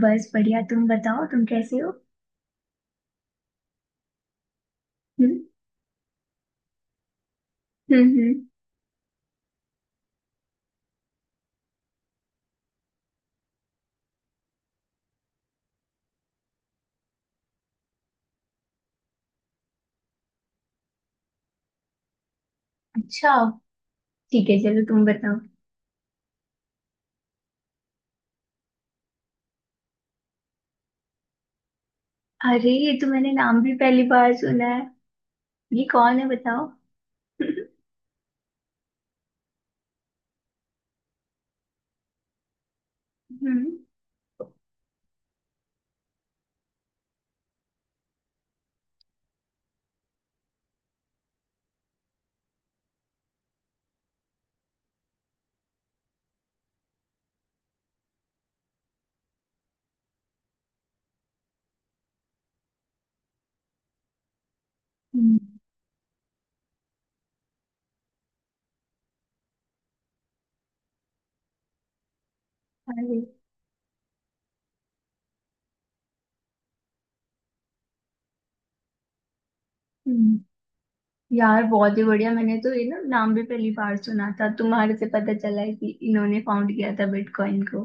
बस बढ़िया। तुम बताओ, तुम कैसे हो? हम्म। हम्म, हम्म। अच्छा। ठीक है, चलो तुम बताओ। अरे, ये तो मैंने नाम भी पहली बार सुना है। ये कौन है, बताओ? हम्म, हम्म। अरे। हम्म, यार बहुत ही बढ़िया। मैंने तो ये ना नाम भी पहली बार सुना था, तुम्हारे से पता चला है कि इन्होंने फाउंड किया था बिटकॉइन को।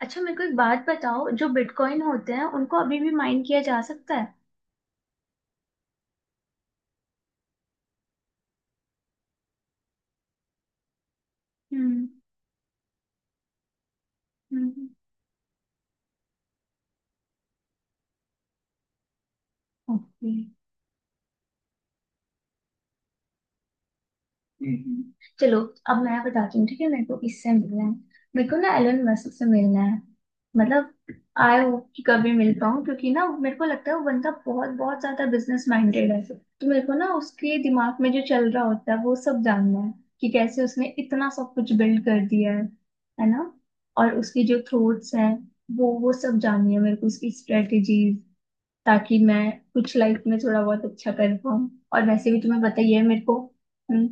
अच्छा, मेरे को एक बात बताओ, जो बिटकॉइन होते हैं उनको अभी भी माइन किया जा सकता है? हम्म। हम्म। ओके। हम्म। चलो, अब मैं बताती हूँ। ठीक है, मेरे को किससे मिलना है? मेरे को ना एलन मस्क से मिलना है। मतलब आई होप कि कभी मिल पाऊँ, क्योंकि ना मेरे को लगता है वो बंदा बहुत बहुत ज्यादा बिजनेस माइंडेड है। तो मेरे को ना उसके दिमाग में जो चल रहा होता है वो सब जानना है कि कैसे उसने इतना सब कुछ बिल्ड कर दिया है ना। और उसकी जो थ्रोट्स हैं, वो सब जाननी है मेरे को, उसकी स्ट्रेटेजीज, ताकि मैं कुछ लाइफ में थोड़ा बहुत अच्छा कर पाऊँ। और वैसे भी तुम्हें पता ही है मेरे को। हम्म।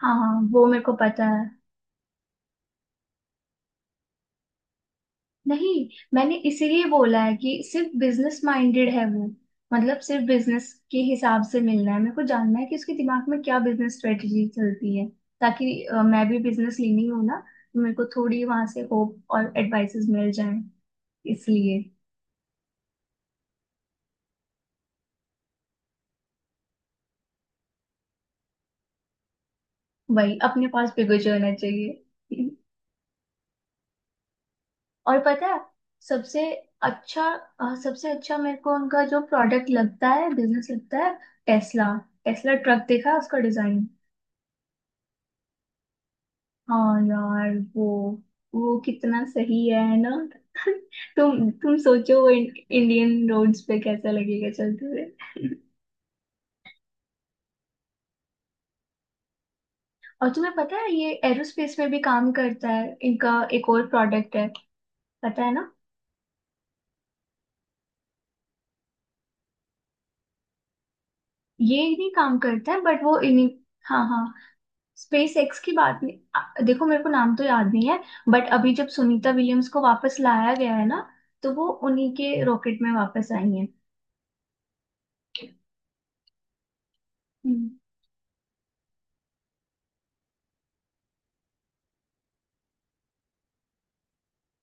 हाँ, वो मेरे को पता है। नहीं, मैंने इसीलिए बोला है कि सिर्फ बिजनेस माइंडेड है वो। मतलब सिर्फ बिजनेस के हिसाब से मिलना है मेरे को, जानना है कि उसके दिमाग में क्या बिजनेस स्ट्रेटजी चलती है। ताकि मैं भी बिजनेस लेनी हूँ ना, तो मेरे को थोड़ी वहां से होप और एडवाइसेस मिल जाएं, इसलिए। वही अपने पास बिगुज होना चाहिए। और पता है, सबसे अच्छा, सबसे अच्छा मेरे को उनका जो प्रोडक्ट लगता है, बिजनेस लगता है, टेस्ला। टेस्ला ट्रक देखा है उसका डिजाइन? हाँ यार वो कितना सही है ना। तुम सोचो, वो इंडियन रोड्स पे कैसा लगेगा चलते हुए। और तुम्हें पता है ये एरोस्पेस में भी काम करता है, इनका एक और प्रोडक्ट है, पता है ना? ये नहीं काम करता है, बट वो इन्हीं। हाँ हाँ। स्पेस एक्स की बात नहीं, देखो मेरे को नाम तो याद नहीं है, बट अभी जब सुनीता विलियम्स को वापस लाया गया है ना, तो वो उन्हीं के रॉकेट में वापस आई है। हम्म।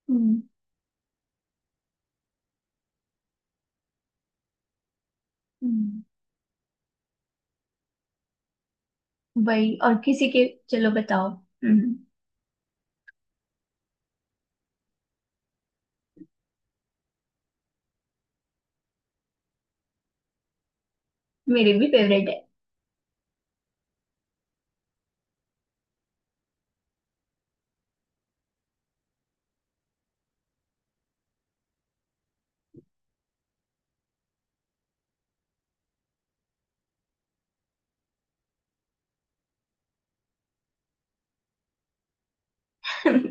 हम्म। हम्म। वही, और किसी के, चलो बताओ। हम्म। मेरे भी फेवरेट है।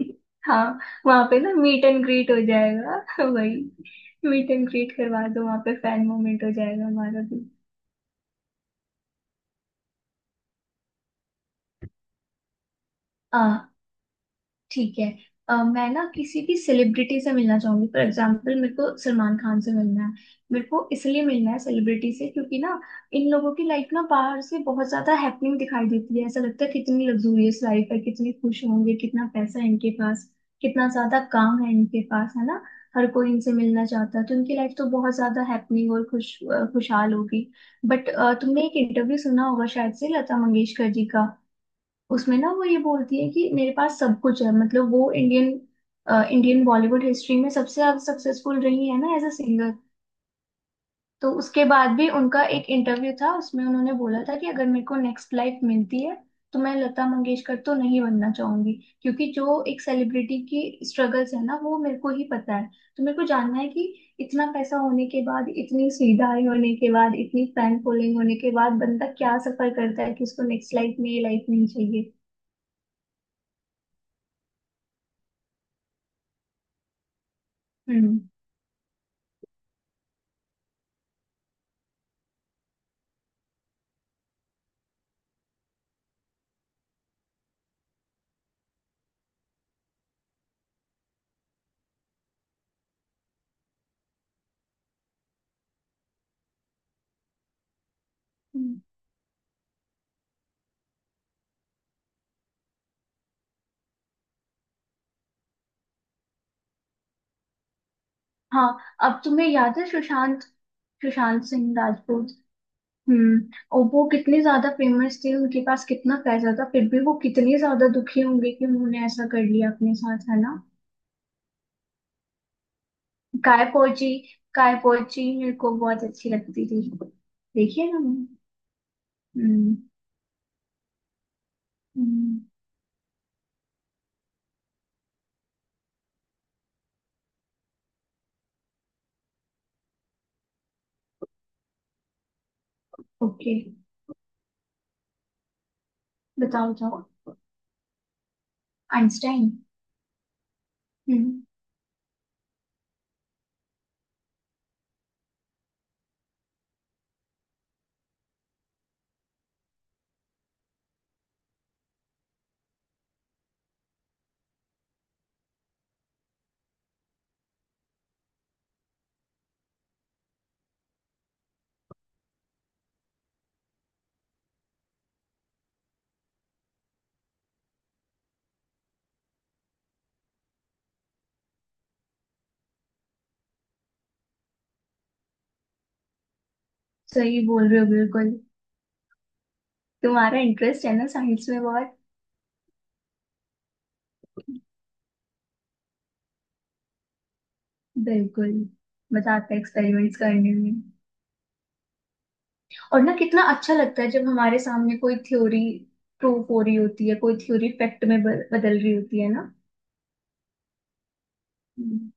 हाँ। वहां पे ना मीट एंड ग्रीट हो जाएगा। वही, मीट एंड ग्रीट करवा दो वहां पे, फैन मोमेंट हो जाएगा हमारा भी। हाँ, ठीक है। मैं ना किसी भी सेलिब्रिटी से मिलना चाहूंगी। फॉर एग्जाम्पल मेरे को सलमान खान से मिलना है। मेरे को इसलिए मिलना है सेलिब्रिटी से क्योंकि ना इन लोगों की लाइफ ना बाहर से बहुत ज्यादा हैपनिंग दिखाई देती है। ऐसा लगता है कितनी लग्जूरियस लाइफ है, कितने खुश होंगे, कितना पैसा है इनके पास, कितना ज्यादा काम है इनके पास, है ना। हर कोई इनसे मिलना चाहता है, तो इनकी लाइफ तो बहुत ज्यादा हैपनिंग और खुश खुशहाल होगी। बट तुमने एक इंटरव्यू सुना होगा शायद से, लता मंगेशकर जी का। उसमें ना वो ये बोलती है कि मेरे पास सब कुछ है। मतलब वो इंडियन इंडियन बॉलीवुड हिस्ट्री में सबसे ज्यादा सक्सेसफुल रही है ना एज अ सिंगर। तो उसके बाद भी उनका एक इंटरव्यू था, उसमें उन्होंने बोला था कि अगर मेरे को नेक्स्ट लाइफ मिलती है, तो मैं लता मंगेशकर तो नहीं बनना चाहूंगी। क्योंकि जो एक सेलिब्रिटी की स्ट्रगल्स है ना, वो मेरे को ही पता है। तो मेरे को जानना है कि इतना पैसा होने के बाद, इतनी सुविधाएं होने के बाद, इतनी फैन फॉलोइंग होने के बाद बंदा क्या सफर करता है कि उसको नेक्स्ट लाइफ में ये लाइफ नहीं चाहिए। हम्म। हम्म, हाँ। अब तुम्हें याद है सुशांत सुशांत सिंह राजपूत? हम्म। और वो कितने ज्यादा फेमस थे, उनके पास कितना पैसा था, फिर भी वो कितने ज्यादा दुखी होंगे कि उन्होंने ऐसा कर लिया अपने साथ, है ना। काय पोची, काय पोची मेरे को बहुत अच्छी लगती थी। देखिए ना। हम्म। हम्म। ओके। बताओ बताओ, आइंस्टाइन। हम्म। सही बोल रहे हो, बिल्कुल। तुम्हारा इंटरेस्ट है ना साइंस में बहुत। बिल्कुल, मजा आता है एक्सपेरिमेंट्स करने में। और ना कितना अच्छा लगता है जब हमारे सामने कोई थ्योरी प्रूफ हो रही होती है, कोई थ्योरी फैक्ट में बदल रही होती है ना। हम्म।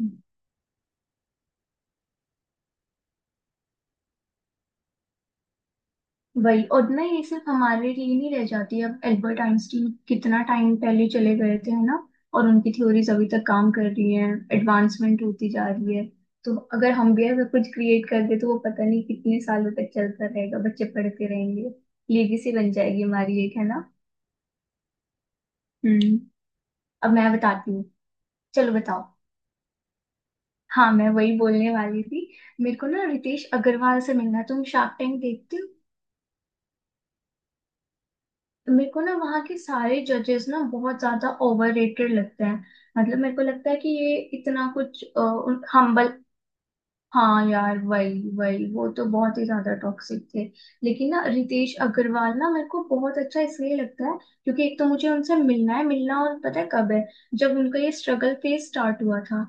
हम्म। वही, और ना ये सिर्फ हमारे लिए नहीं रह जाती। अब एल्बर्ट आइंस्टीन कितना टाइम पहले चले गए थे, है ना, और उनकी थ्योरीज अभी तक काम कर रही हैं, एडवांसमेंट होती जा रही है। तो अगर हम भी अगर कुछ क्रिएट कर दे तो वो पता नहीं कितने सालों तक चलता रहेगा, बच्चे पढ़ते रहेंगे। लेगेसी बन जाएगी हमारी एक, है ना। हम्म। अब मैं बताती हूँ। चलो बताओ। हाँ, मैं वही बोलने वाली थी। मेरे को ना रितेश अग्रवाल से मिलना है। तुम शार्क टैंक देखते हो? मेरे को ना वहाँ के सारे जजेस ना बहुत ज्यादा ओवर रेटेड लगते हैं। मतलब मेरे को लगता है कि ये इतना कुछ। हम्बल। हाँ यार, वही वही, वो तो बहुत ही ज्यादा टॉक्सिक थे। लेकिन ना रितेश अग्रवाल ना मेरे को बहुत अच्छा इसलिए लगता है क्योंकि एक तो मुझे उनसे मिलना है, मिलना, और पता है कब है? जब उनका ये स्ट्रगल फेज स्टार्ट हुआ था।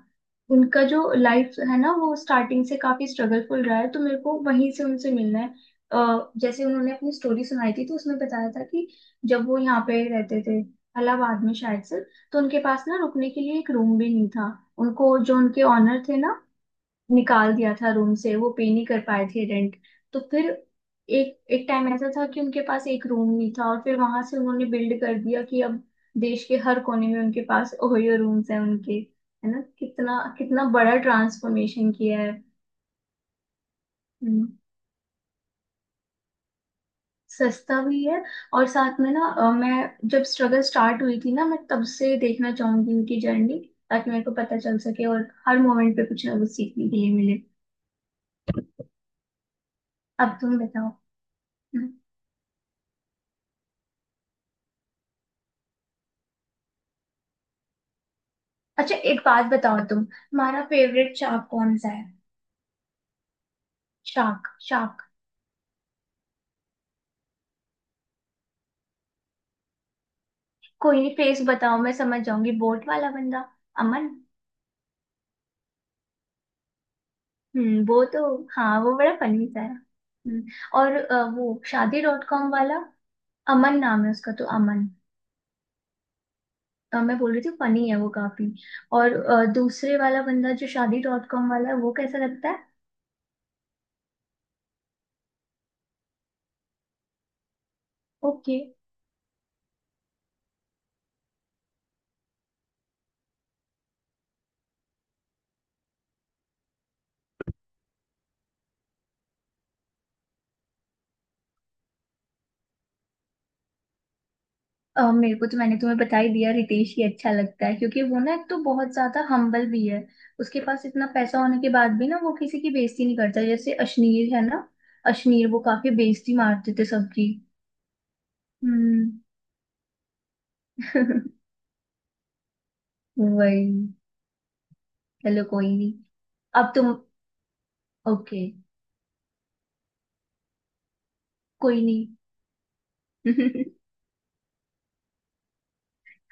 उनका जो लाइफ है ना, वो स्टार्टिंग से काफी स्ट्रगलफुल रहा है, तो मेरे को वहीं से उनसे मिलना है। जैसे उन्होंने अपनी स्टोरी सुनाई थी, तो उसमें बताया था कि जब वो यहाँ पे रहते थे, इलाहाबाद में शायद से, तो उनके पास ना रुकने के लिए एक रूम भी नहीं था। उनको जो उनके ऑनर थे ना, निकाल दिया था रूम से, वो पे नहीं कर पाए थे रेंट। तो फिर एक एक टाइम ऐसा था कि उनके पास एक रूम नहीं था, और फिर वहां से उन्होंने बिल्ड कर दिया कि अब देश के हर कोने में उनके पास ओयो रूम्स हैं उनके, है ना। कितना कितना बड़ा ट्रांसफॉर्मेशन किया है। हम्म। सस्ता भी है। और साथ में ना मैं जब स्ट्रगल स्टार्ट हुई थी ना, मैं तब से देखना चाहूंगी उनकी जर्नी, ताकि मेरे को पता चल सके और हर मोमेंट पे कुछ ना कुछ सीखने के लिए मिले। अब तुम बताओ। हम्म। अच्छा एक बात बताओ तुम, तुम्हारा फेवरेट शार्क कौन सा है? Shark, shark. कोई नहीं, फेस बताओ, मैं समझ जाऊंगी। बोट वाला बंदा, अमन। हम्म, वो तो, हाँ वो बड़ा फनी सा है। और वो शादी डॉट कॉम वाला। अमन नाम है उसका, तो अमन, मैं बोल रही थी, फनी है वो काफी। और दूसरे वाला बंदा जो शादी डॉट कॉम वाला है, वो कैसा लगता है? ओके। मेरे को तो, मैंने तुम्हें बता ही दिया, रितेश ही अच्छा लगता है, क्योंकि वो ना एक तो बहुत ज्यादा हम्बल भी है। उसके पास इतना पैसा होने के बाद भी ना वो किसी की बेइज्जती नहीं करता, जैसे अश्नीर है ना। अश्नीर वो काफी बेइज्जती मारते थे सबकी। हम्म। वही। चलो कोई नहीं, अब तुम। ओके। कोई नहीं।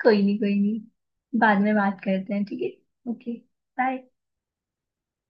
कोई नहीं, कोई नहीं। बाद में बात करते हैं, ठीक है, ओके। बाय।